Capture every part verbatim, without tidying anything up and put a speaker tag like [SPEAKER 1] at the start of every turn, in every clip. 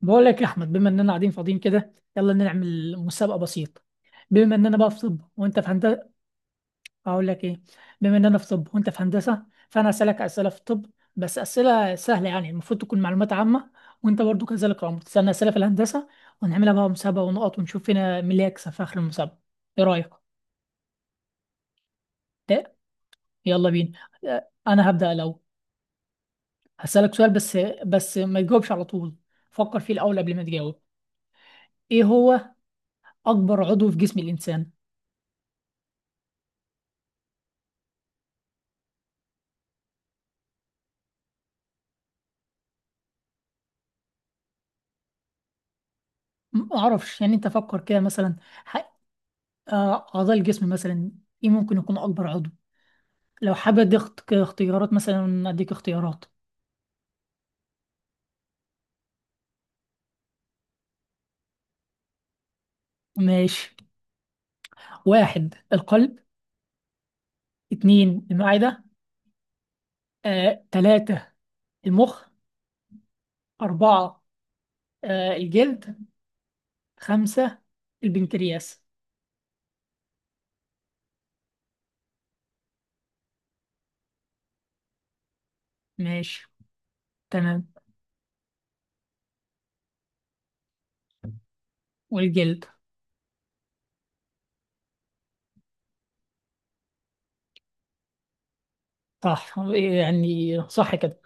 [SPEAKER 1] بقول لك يا احمد، بما اننا قاعدين فاضيين كده يلا نعمل مسابقه بسيطه. بما اننا بقى في طب وانت في هندسه. اقول لك ايه. بما اننا في طب وانت في هندسه فانا اسالك اسئله في الطب، بس اسئله سهله يعني المفروض تكون معلومات عامه. وانت برضو كذلك يا عمر تسالني اسئله في الهندسه، ونعملها بقى مسابقه ونقط ونشوف فينا مين اللي يكسب في اخر المسابقه. ايه رايك؟ ده يلا بينا. آه، انا هبدا الاول. هسالك سؤال بس، بس ما تجاوبش على طول، فكر فيه الاول قبل ما تجاوب. ايه هو اكبر عضو في جسم الانسان؟ ما اعرفش، يعني انت فكر كده مثلا. ح- آه، اعضاء الجسم مثلا، ايه ممكن يكون اكبر عضو؟ لو حابب اديك اخت- اختيارات، مثلا اديك اختيارات. ماشي. واحد القلب، اتنين المعدة، آه، تلاتة المخ، أربعة آه، الجلد، خمسة البنكرياس. ماشي تمام. والجلد. صح، يعني صح كده.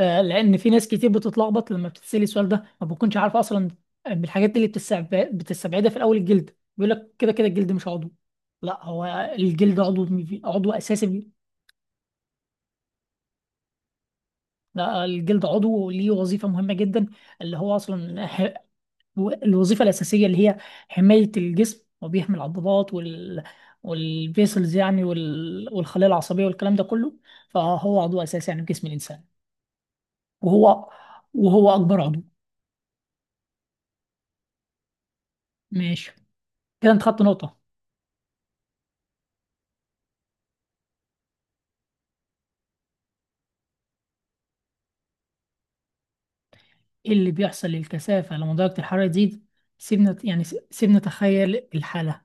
[SPEAKER 1] آه، لان في ناس كتير بتتلخبط لما بتتسالي السؤال ده ما بتكونش عارفه اصلا الحاجات دي، اللي بتستبع- بتستبعدها في الاول الجلد، بيقول لك كده كده الجلد مش عضو. لا، هو الجلد عضو، عضو اساسي. لا الجلد عضو ليه وظيفه مهمه جدا، اللي هو اصلا ح- الوظيفه الاساسيه اللي هي حمايه الجسم، وبيحمي العضلات وال والفيسلز يعني وال... والخلايا العصبيه والكلام ده كله. فهو عضو اساسي يعني في جسم الانسان. وهو وهو اكبر عضو. ماشي، كده انت خدت نقطه. ايه اللي بيحصل للكثافة لما درجة الحرارة تزيد؟ سيبنا يعني، سيبنا نتخيل الحالة.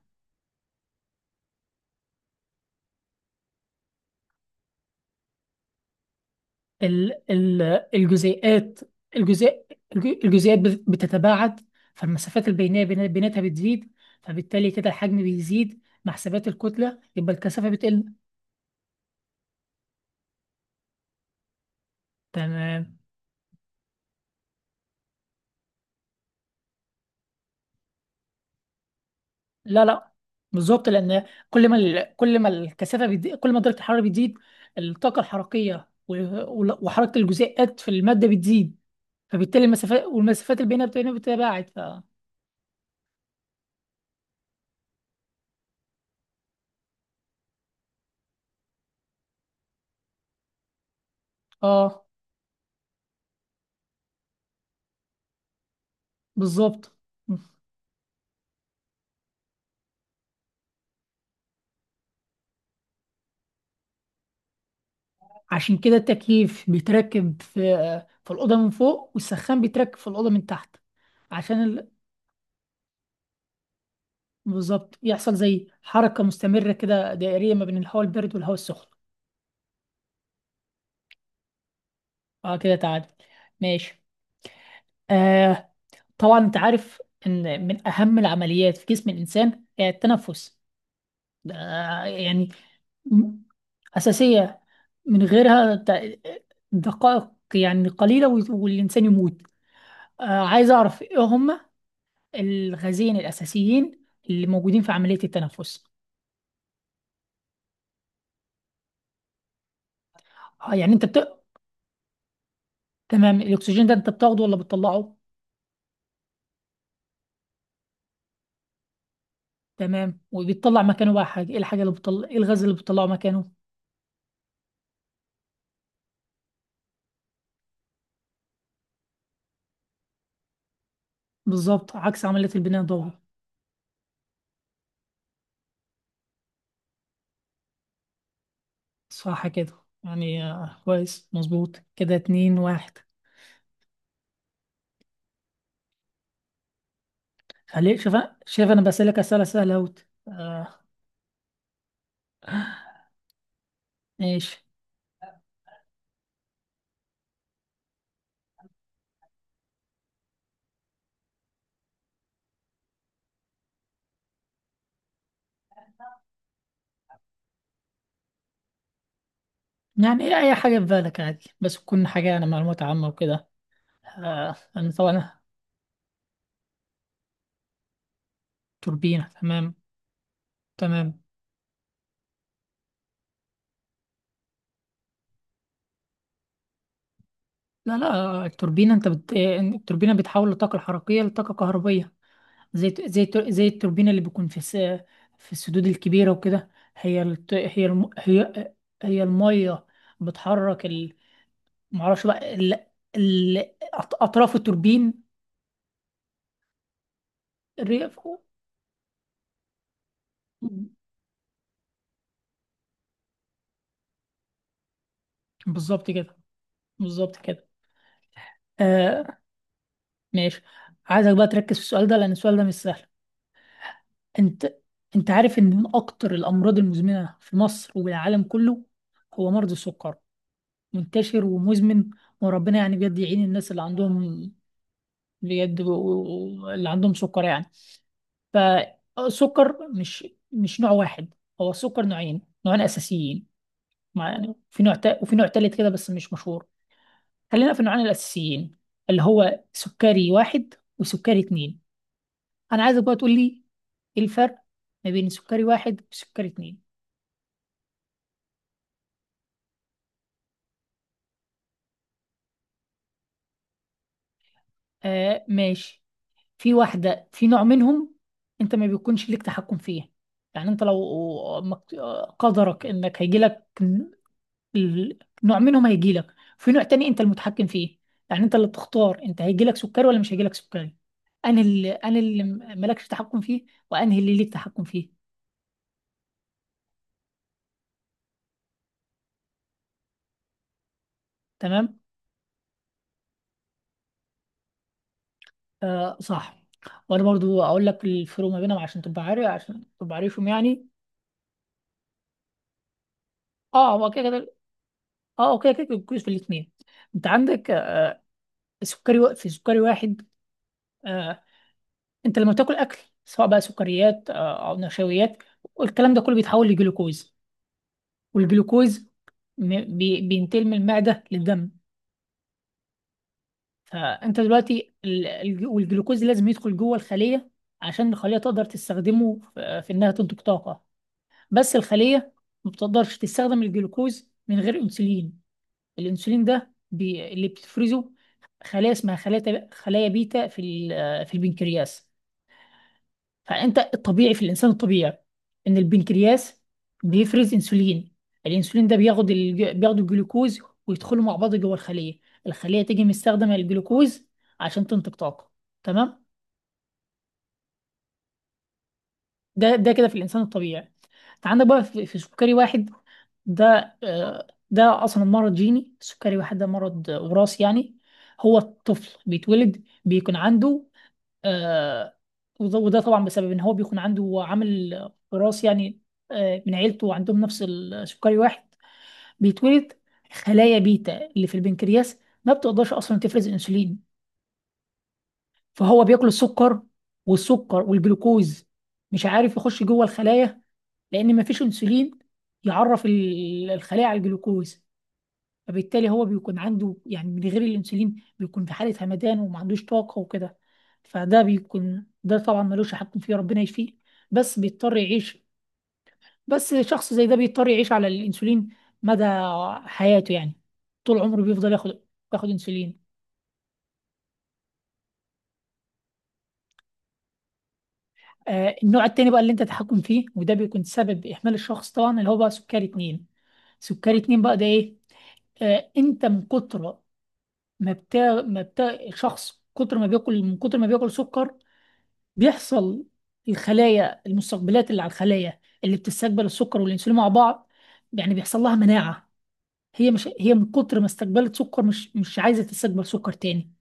[SPEAKER 1] ال ال الجزيئات. الجزيء، الج- الجزيئات بت- بتتباعد، فالمسافات البينية بين- بيناتها بتزيد، فبالتالي كده الحجم بيزيد مع حسابات الكتلة يبقى الكثافة بتقل. تمام. لا لا، بالظبط، لأن كل ما ال- كل ما الكثافة بتزيد كل ما درجة الحرارة بتزيد، الطاقة الحركية و- وحركة الجزيئات في المادة بتزيد، فبالتالي المسافات والمسافات البينية بتتباعد. اه بالظبط. عشان كده التكييف بيتركب في في الأوضة من فوق، والسخان بيتركب في الأوضة من تحت، عشان ال... بالظبط يحصل زي حركة مستمرة كده دائرية ما بين الهواء البارد والهواء السخن. اه كده تعادل. ماشي. آه، طبعا انت عارف ان من اهم العمليات في جسم الانسان هي التنفس. ده يعني م- اساسية، من غيرها ت- دقائق يعني قليلة وال- والانسان يموت. آه، عايز أعرف إيه هم الغازين الأساسيين اللي موجودين في عملية التنفس. آه يعني أنت بت... تمام، الأكسجين ده أنت بتاخده ولا بتطلعه. تمام، وبيطلع مكانه بقى حاجة إيه، الحاجة اللي بتطلع إيه، الغاز اللي بتطلعه مكانه. بالظبط عكس عملية البناء الضوئي. صح كده، يعني آه، كويس مظبوط كده اتنين واحد. خليك شوف. شايف أنا بسألك أسئلة سهلة أوت آه. ماشي. يعني إيه، أي حاجة في بالك عادي، بس تكون حاجة يعني معلومات عامة وكده. آه أنا طبعا. توربينة تمام. تمام. لا لا، التوربينة انت بت... آه، التوربينة بتحول الطاقة الحركية لطاقة كهربية، زي زي زي التوربينة اللي بيكون في الس... في السدود الكبيرة وكده. هي الت... هي الم... هي هي المية بتحرك ال... معرفش بقى ال... ال... أط- أطراف التوربين. الريف. بالظبط كده. بالظبط كده. آه. ماشي. عايزك بقى تركز في السؤال ده لأن السؤال ده مش سهل. انت انت عارف ان من اكتر الامراض المزمنة في مصر والعالم كله هو مرض السكر، منتشر ومزمن. وربنا يعني بجد يعين الناس اللي عندهم، بجد و- و- اللي عندهم سكر يعني. فالسكر مش مش نوع واحد، هو السكر نوعين، نوعين اساسيين. مع- يعني في نوع تا- وفي نوع تالت كده بس مش مشهور. خلينا في النوعين الاساسيين اللي هو سكري واحد وسكري اتنين. انا عايزك بقى تقول لي ايه الفرق ما بين سكري واحد وسكري اتنين. آه ماشي. في واحدة، في نوع منهم انت ما بيكونش ليك تحكم فيه، يعني انت لو مكت- قدرك انك هيجيلك ال- نوع منهم هيجيلك، في نوع تاني انت المتحكم فيه، يعني انت اللي بتختار انت هيجيلك سكري ولا مش هيجيلك سكري. انهي اللي انهي اللي مالكش تحكم فيه، وانهي اللي ليك تحكم فيه. تمام. آه صح. وانا برضو اقول لك الفروق ما بينهم عشان تبقى عارف، عشان تبقى عارفهم يعني. اه هو كده كده. اه هو كده كده كويس. في الاثنين انت عندك، آه، سكري وا- في سكري واحد، آه، انت لما بتاكل اكل، سواء بقى سكريات آه، او نشويات، الكلام ده كله بيتحول لجلوكوز، والجلوكوز م- بي- بينتقل من المعده للدم. فانت دلوقتي ال- الج- والجلوكوز لازم يدخل جوه الخليه عشان الخليه تقدر تستخدمه في في انها تنتج طاقه. بس الخليه ما بتقدرش تستخدم الجلوكوز من غير انسولين. الانسولين ده بي... اللي بتفرزه خلايا اسمها خلايا خلايا بيتا في ال- في البنكرياس. فانت الطبيعي، في الانسان الطبيعي ان البنكرياس بيفرز انسولين، الانسولين ده بياخد الج... بياخد الجلوكوز ويدخلوا مع بعض جوه الخليه، الخليه تيجي مستخدمه الجلوكوز عشان تنتج طاقه. تمام. ده ده كده في الانسان الطبيعي. انت عندك بقى في, في سكري واحد، ده آه، ده اصلا مرض جيني، السكري واحد ده مرض آه، وراثي يعني، هو الطفل بيتولد بيكون عنده آه، وده وده طبعا بسبب ان هو بيكون عنده عامل وراثي يعني، آه، من عيلته عندهم نفس السكري واحد. بيتولد خلايا بيتا اللي في البنكرياس ما بتقدرش اصلا تفرز انسولين، فهو بياكل السكر، والسكر والجلوكوز مش عارف يخش جوه الخلايا لان ما فيش انسولين يعرف ال- الخلايا على الجلوكوز. فبالتالي هو بيكون عنده يعني من غير الانسولين بيكون في حالة همدان وما عندوش طاقة وكده. فده بيكون، ده طبعا ملوش حق فيه، ربنا يشفيه، بس بيضطر يعيش. بس شخص زي ده بيضطر يعيش على الانسولين مدى حياته يعني، طول عمره بيفضل ياخد ياخد انسولين. آه النوع التاني بقى اللي انت تحكم فيه، وده بيكون سبب اهمال الشخص طبعا، اللي هو بقى سكري اتنين. سكري اتنين بقى ده ايه؟ آه انت من كتر ما بتا ما بتا شخص، كتر ما بياكل، من كتر ما بياكل سكر، بيحصل الخلايا، المستقبلات اللي على الخلايا اللي بتستقبل السكر والانسولين مع بعض، يعني بيحصل لها مناعة. هي مش هي من كتر ما استقبلت سكر مش مش عايزة تستقبل سكر تاني.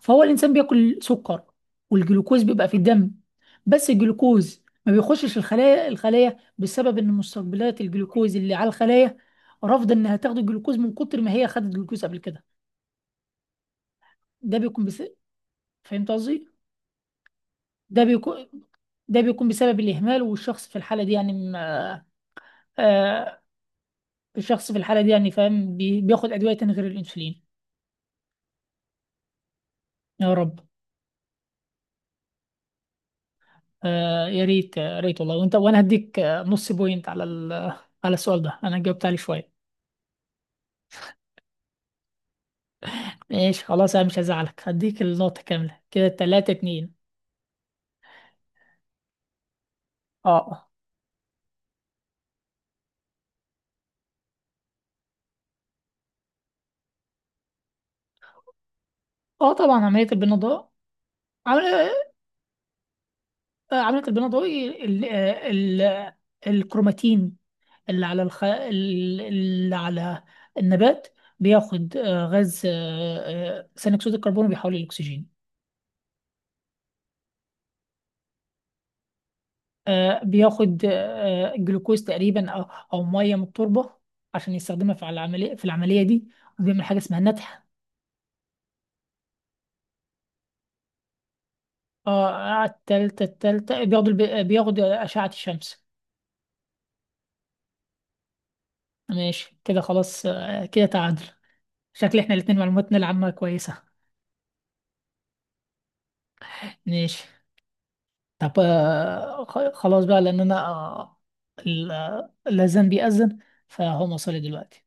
[SPEAKER 1] فهو الإنسان بياكل سكر والجلوكوز بيبقى في الدم، بس الجلوكوز ما بيخشش الخلايا، الخلايا بسبب إن مستقبلات الجلوكوز اللي على الخلايا رافضة إنها تاخد الجلوكوز من كتر ما هي خدت جلوكوز قبل كده. ده بيكون بس... فهمت قصدي؟ ده بيكون، ده بيكون بسبب الإهمال، والشخص في الحالة دي يعني ما- آه، الشخص في الحالة دي يعني فاهم بي- بياخد أدوية تاني غير الأنسولين. يا رب. آه يا ريت، يا ريت والله. وأنت وأنا هديك آه، نص بوينت على ال- على السؤال ده، أنا جاوبت عليه شوية. ماشي خلاص، أنا مش هزعلك، هديك النقطة كاملة كده تلاتة اتنين. أه أه. آه، طبعا عملية البناء الضوئي. عملية آه، عملية البناء الضوئي ال- آه، ال- الكروماتين اللي على الخ... ال- اللي على النبات، بياخد آه، غاز آه، آه، ثاني أكسيد الكربون وبيحوله للأكسجين. آه، بياخد آه، جلوكوز تقريبا او، او ميه من التربه عشان يستخدمها في العمليه، في العمليه دي. وبيعمل حاجه اسمها نتح. اه التالتة، التالتة بياخد الب- بياخد أشعة الشمس. ماشي كده خلاص، آه، كده تعادل. شكل احنا الاتنين معلوماتنا العامة كويسة. ماشي. طب آه، خ- خلاص بقى، لأن أنا آه، ال- الأذان بيأذن، فهو مصري دلوقتي.